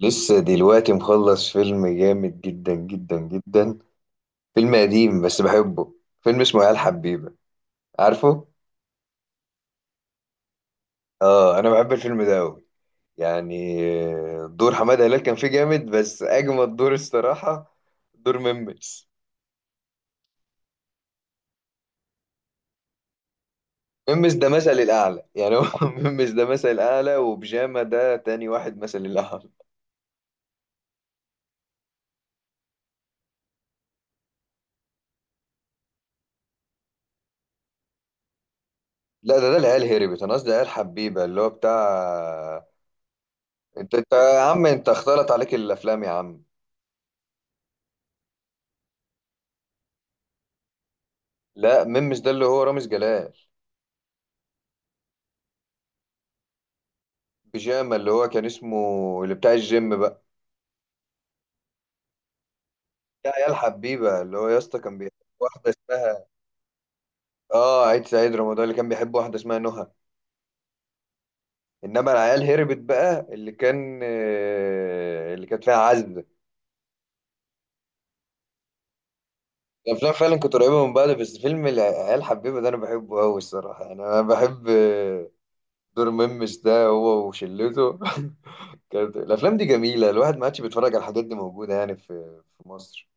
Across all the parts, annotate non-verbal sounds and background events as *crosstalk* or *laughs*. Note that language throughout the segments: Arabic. لسه دلوقتي مخلص فيلم جامد جدا جدا جدا. فيلم قديم بس بحبه. فيلم اسمه عيال حبيبة. عارفه؟ اه، انا بحب الفيلم ده قوي. يعني، دور حمادة هلال كان فيه جامد بس اجمد دور الصراحة. دور ممس. ممس ده مثل الاعلى يعني هو *laughs* ممس ده مثل الاعلى، وبجامة ده تاني واحد مثل الاعلى. لا، ده العيال هربت. انا قصدي عيال حبيبة اللي هو بتاع. انت يا عم، انت اختلط عليك الافلام يا عم. لا، ممس ده اللي هو رامز جلال. بيجامه اللي هو كان اسمه، اللي بتاع الجيم بقى. يا عيال حبيبه اللي هو يا اسطى كان بيحب واحده اسمها. اه، عيد سعيد رمضان اللي كان بيحب واحده اسمها نهى. انما العيال هربت بقى اللي كانت فيها عزه. الافلام فعلا كانت قريبه من بعض، بس فيلم العيال حبيبه ده انا بحبه قوي الصراحه. يعني انا بحب دور ميمس ده هو وشلته. *laughs* كانت الافلام دي جميله، الواحد ما عادش بيتفرج على الحاجات دي موجوده يعني في مصر.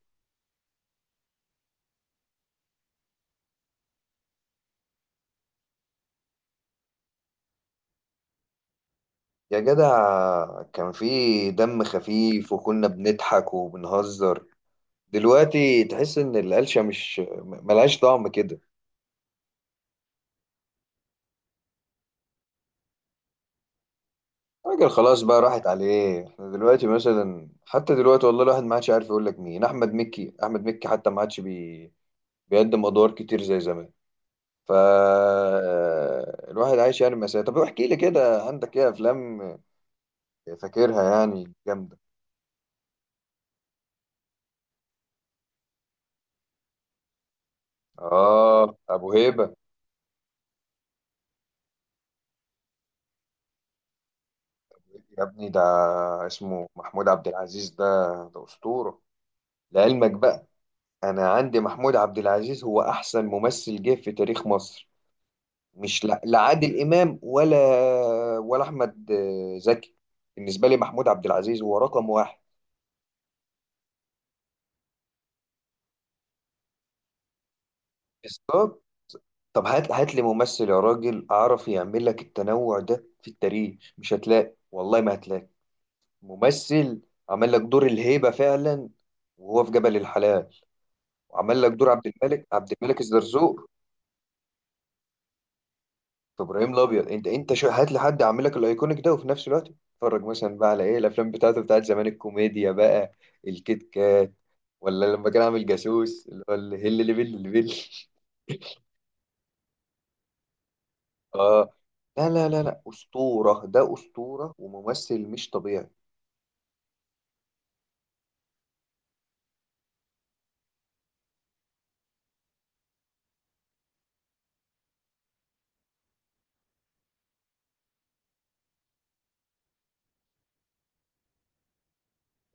يا جدع كان في دم خفيف وكنا بنضحك وبنهزر. دلوقتي تحس ان القلشة مش ملهاش طعم كده. راجل خلاص بقى راحت عليه. احنا دلوقتي مثلا حتى دلوقتي والله الواحد ما عادش عارف يقول لك مين. احمد مكي، احمد مكي حتى ما عادش بيقدم ادوار كتير زي زمان. ف الواحد عايش يعني. مساء، طب احكي لي كده، عندك ايه افلام فاكرها يعني جامدة؟ اه، ابو هيبة. يا ابني ده اسمه محمود عبد العزيز. ده ده أسطورة لعلمك بقى. أنا عندي محمود عبد العزيز هو أحسن ممثل جه في تاريخ مصر. مش لا لا عادل إمام، ولا ولا أحمد زكي. بالنسبة لي محمود عبد العزيز هو رقم واحد. بالظبط. طب هات هات لي ممثل يا راجل أعرف يعمل لك التنوع ده في التاريخ. مش هتلاقي، والله ما هتلاقي ممثل عمل لك دور الهيبة فعلا وهو في جبل الحلال، وعمل لك دور عبد الملك، عبد الملك الزرزور. ابراهيم الابيض انت شو، هات لي حد اعمل لك الايكونيك ده، وفي نفس الوقت اتفرج مثلا بقى على ايه الافلام بتاعته بتاعت زمان الكوميديا بقى. الكيت كات، ولا لما كان عامل جاسوس اللي هو الهل اللي بل اللي بل. *laughs* اه، لا لا لا لا، اسطوره ده اسطوره وممثل مش طبيعي.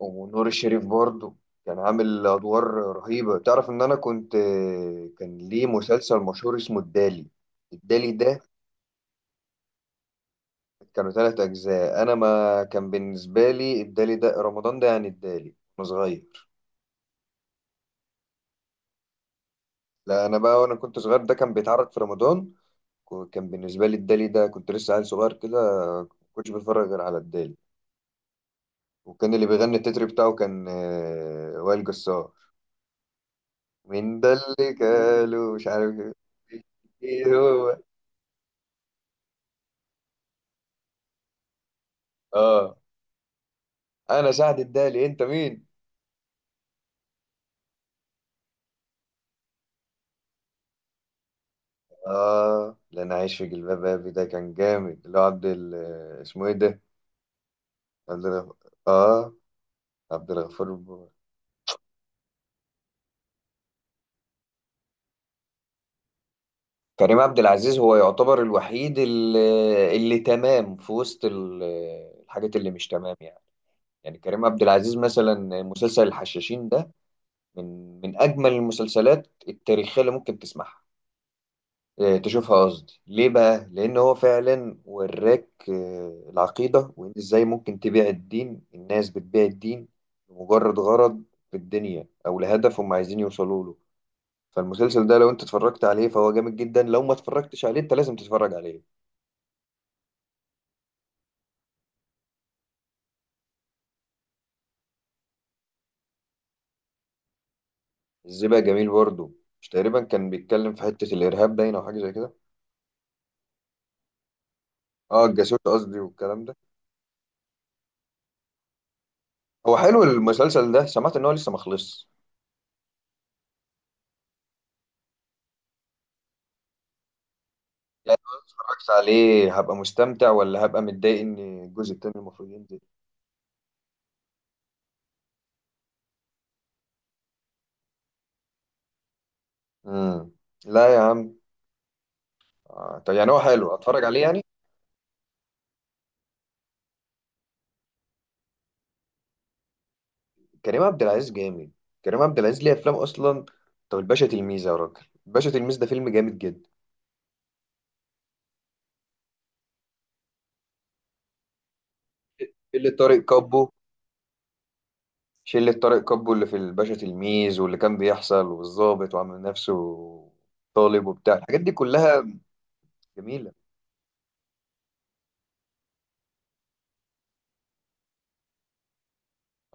ونور الشريف برضه كان عامل ادوار رهيبه. تعرف ان انا كنت، كان ليه مسلسل مشهور اسمه الدالي. الدالي ده كانوا ثلاث أجزاء. أنا ما كان بالنسبة لي الدالي ده رمضان ده، يعني الدالي وأنا صغير. لا، أنا بقى وأنا كنت صغير ده كان بيتعرض في رمضان. كان بالنسبة لي الدالي ده كنت لسه عيل صغير كده. ما كنتش بتفرج غير على الدالي. وكان اللي بيغني التتر بتاعه كان وائل جسار. مين ده اللي قالوا مش عارف ايه هو. اه، انا سعد الدالي، انت مين. اه، لا، انا عايش في جلباب ابي ده كان جامد. اللي هو اسمه ايه ده، عبد ال- اه، عبد الغفور. كريم عبد العزيز هو يعتبر الوحيد اللي تمام في وسط الحاجات اللي مش تمام يعني. يعني كريم عبد العزيز مثلا مسلسل الحشاشين ده من اجمل المسلسلات التاريخيه اللي ممكن تسمعها، تشوفها قصدي ليه بقى؟ لان هو فعلا وراك العقيده، وان ازاي ممكن تبيع الدين. الناس بتبيع الدين لمجرد غرض في الدنيا او لهدف هم عايزين يوصلوا له. فالمسلسل ده لو انت اتفرجت عليه فهو جامد جدا، لو ما اتفرجتش عليه انت لازم تتفرج عليه. الزبق جميل برضه. مش تقريبا كان بيتكلم في حتة الارهاب باين او حاجة زي كده؟ اه، الجاسوس قصدي والكلام ده. هو حلو المسلسل ده، سمعت ان هو لسه ما خلصش. يعني لو أنا اتفرجت عليه هبقى مستمتع ولا هبقى متضايق ان الجزء التاني المفروض ينزل؟ امم. لا يا عم. آه. طب يعني هو حلو اتفرج عليه يعني. كريم عبد العزيز جامد. كريم عبد العزيز ليه افلام اصلا. طب الباشا تلميذ يا راجل، الباشا تلميذ ده فيلم جامد جدا. اللي طارق كابو، شلة طارق كابو اللي في الباشا تلميذ، واللي كان بيحصل والظابط وعامل نفسه طالب وبتاع الحاجات دي كلها. جميلة.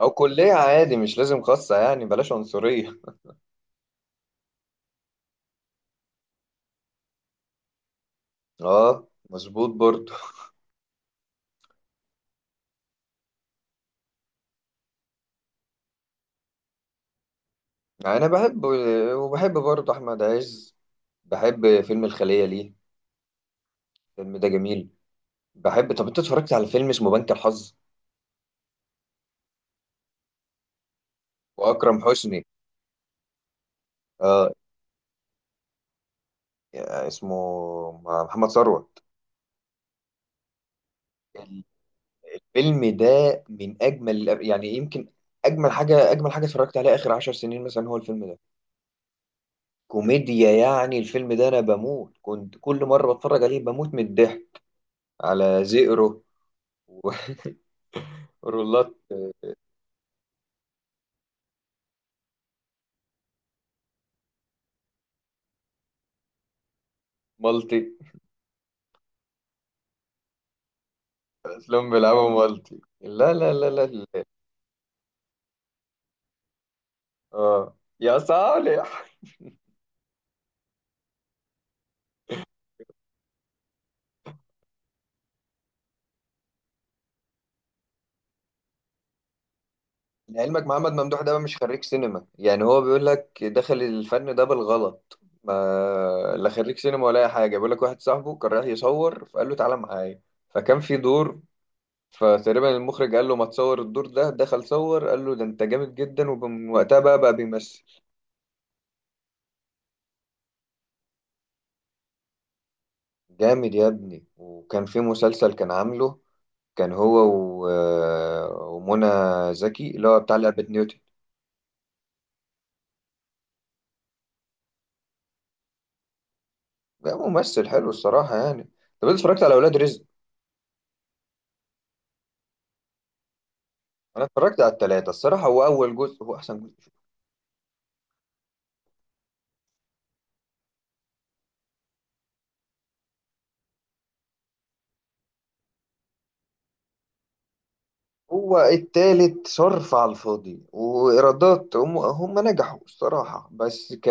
أو كلية عادي مش لازم خاصة، يعني بلاش عنصرية. *laughs* اه، مظبوط برضه. يعني أنا بحب، وبحب برضه أحمد عز. بحب فيلم الخلية، ليه الفيلم ده جميل. بحب، طب أنت اتفرجت على فيلم اسمه بنك الحظ وأكرم حسني؟ اه، اسمه محمد ثروت. الفيلم ده من اجمل يعني يمكن اجمل حاجه اتفرجت عليها اخر عشر سنين مثلا هو الفيلم ده. كوميديا، يعني الفيلم ده انا بموت، كنت كل مره بتفرج عليه بموت من الضحك. على زئرو و- *laughs* ورولات. مالتي. افلام بيلعبوا مالتي، لا لا لا لا لا. اه يا صالح. لعلمك محمد ممدوح ده مش خريج سينما، يعني هو بيقول لك دخل الفن ده بالغلط. ما لا خريج سينما ولا اي حاجه. بيقول لك واحد صاحبه كان رايح يصور فقال له تعالى معايا، فكان في دور، فتقريبا المخرج قال له ما تصور الدور ده، دخل صور قال له ده انت جامد جدا. ومن وقتها بقى بيمثل. جامد يا ابني. وكان في مسلسل كان عامله، كان هو و... آه، ومنى زكي، اللي هو بتاع لعبة نيوتن. ده ممثل حلو الصراحة يعني. طب انت اتفرجت على أولاد رزق؟ انا اتفرجت على التلاتة الصراحة. هو اول جزء هو احسن جزء. هو التالت صرف على الفاضي، وايرادات هم نجحوا الصراحة. بس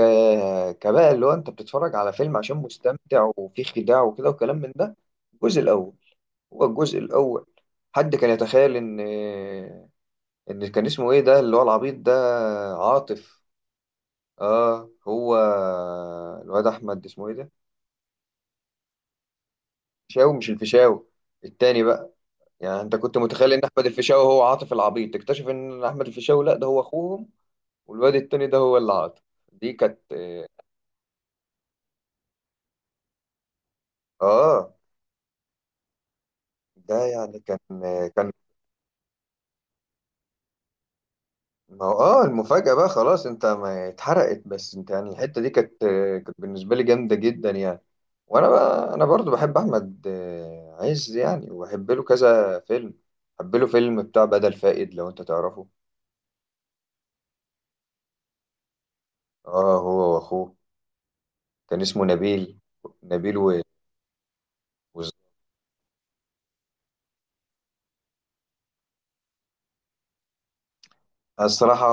كبقى اللي هو انت بتتفرج على فيلم عشان مستمتع وفيه خداع وكده وكلام من ده. الجزء الاول، هو الجزء الاول حد كان يتخيل ان كان اسمه ايه ده اللي هو العبيط ده؟ عاطف. اه هو الواد احمد اسمه ايه ده الفيشاوي، مش الفيشاوي التاني بقى. يعني انت كنت متخيل ان احمد الفيشاوي هو عاطف العبيط. تكتشف ان احمد الفيشاوي لا، ده هو اخوهم. والواد التاني ده هو اللي عاطف. دي كانت آه، ده يعني كان. ما هو المفاجأة بقى خلاص انت ما اتحرقت. بس انت يعني الحتة دي كانت بالنسبة لي جامدة جدا يعني. وانا بقى انا برضو بحب احمد عز يعني. وبحب له كذا فيلم. بحب له فيلم بتاع بدل فائد لو انت تعرفه. اه، هو واخوه. كان اسمه نبيل و... الصراحة.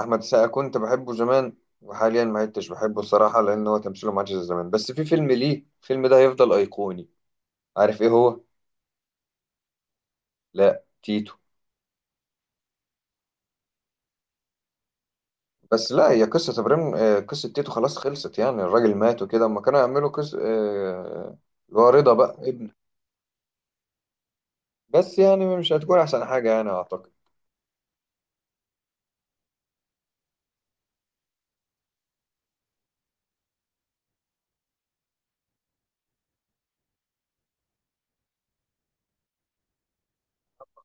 أحمد السقا كنت بحبه زمان، وحاليا ما عدتش بحبه الصراحة، لأن هو تمثيله ما عادش زي زمان. بس في فيلم ليه الفيلم ده هيفضل أيقوني. عارف إيه هو؟ لا، تيتو. بس لا، هي قصة إبراهيم آه، قصة تيتو خلاص خلصت، يعني الراجل مات وكده. أما كانوا يعملوا قصة اللي هو رضا بقى ابنه. بس يعني مش هتكون أحسن حاجة يعني أعتقد.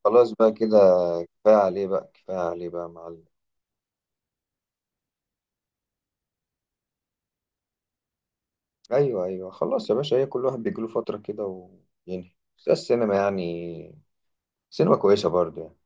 خلاص بقى كده، كفاية عليه بقى كفاية عليه بقى يا معلم. أيوه أيوه خلاص يا باشا، هي كل واحد بيجيله فترة كده وينهي. بس السينما يعني سينما كويسة برضه يعني.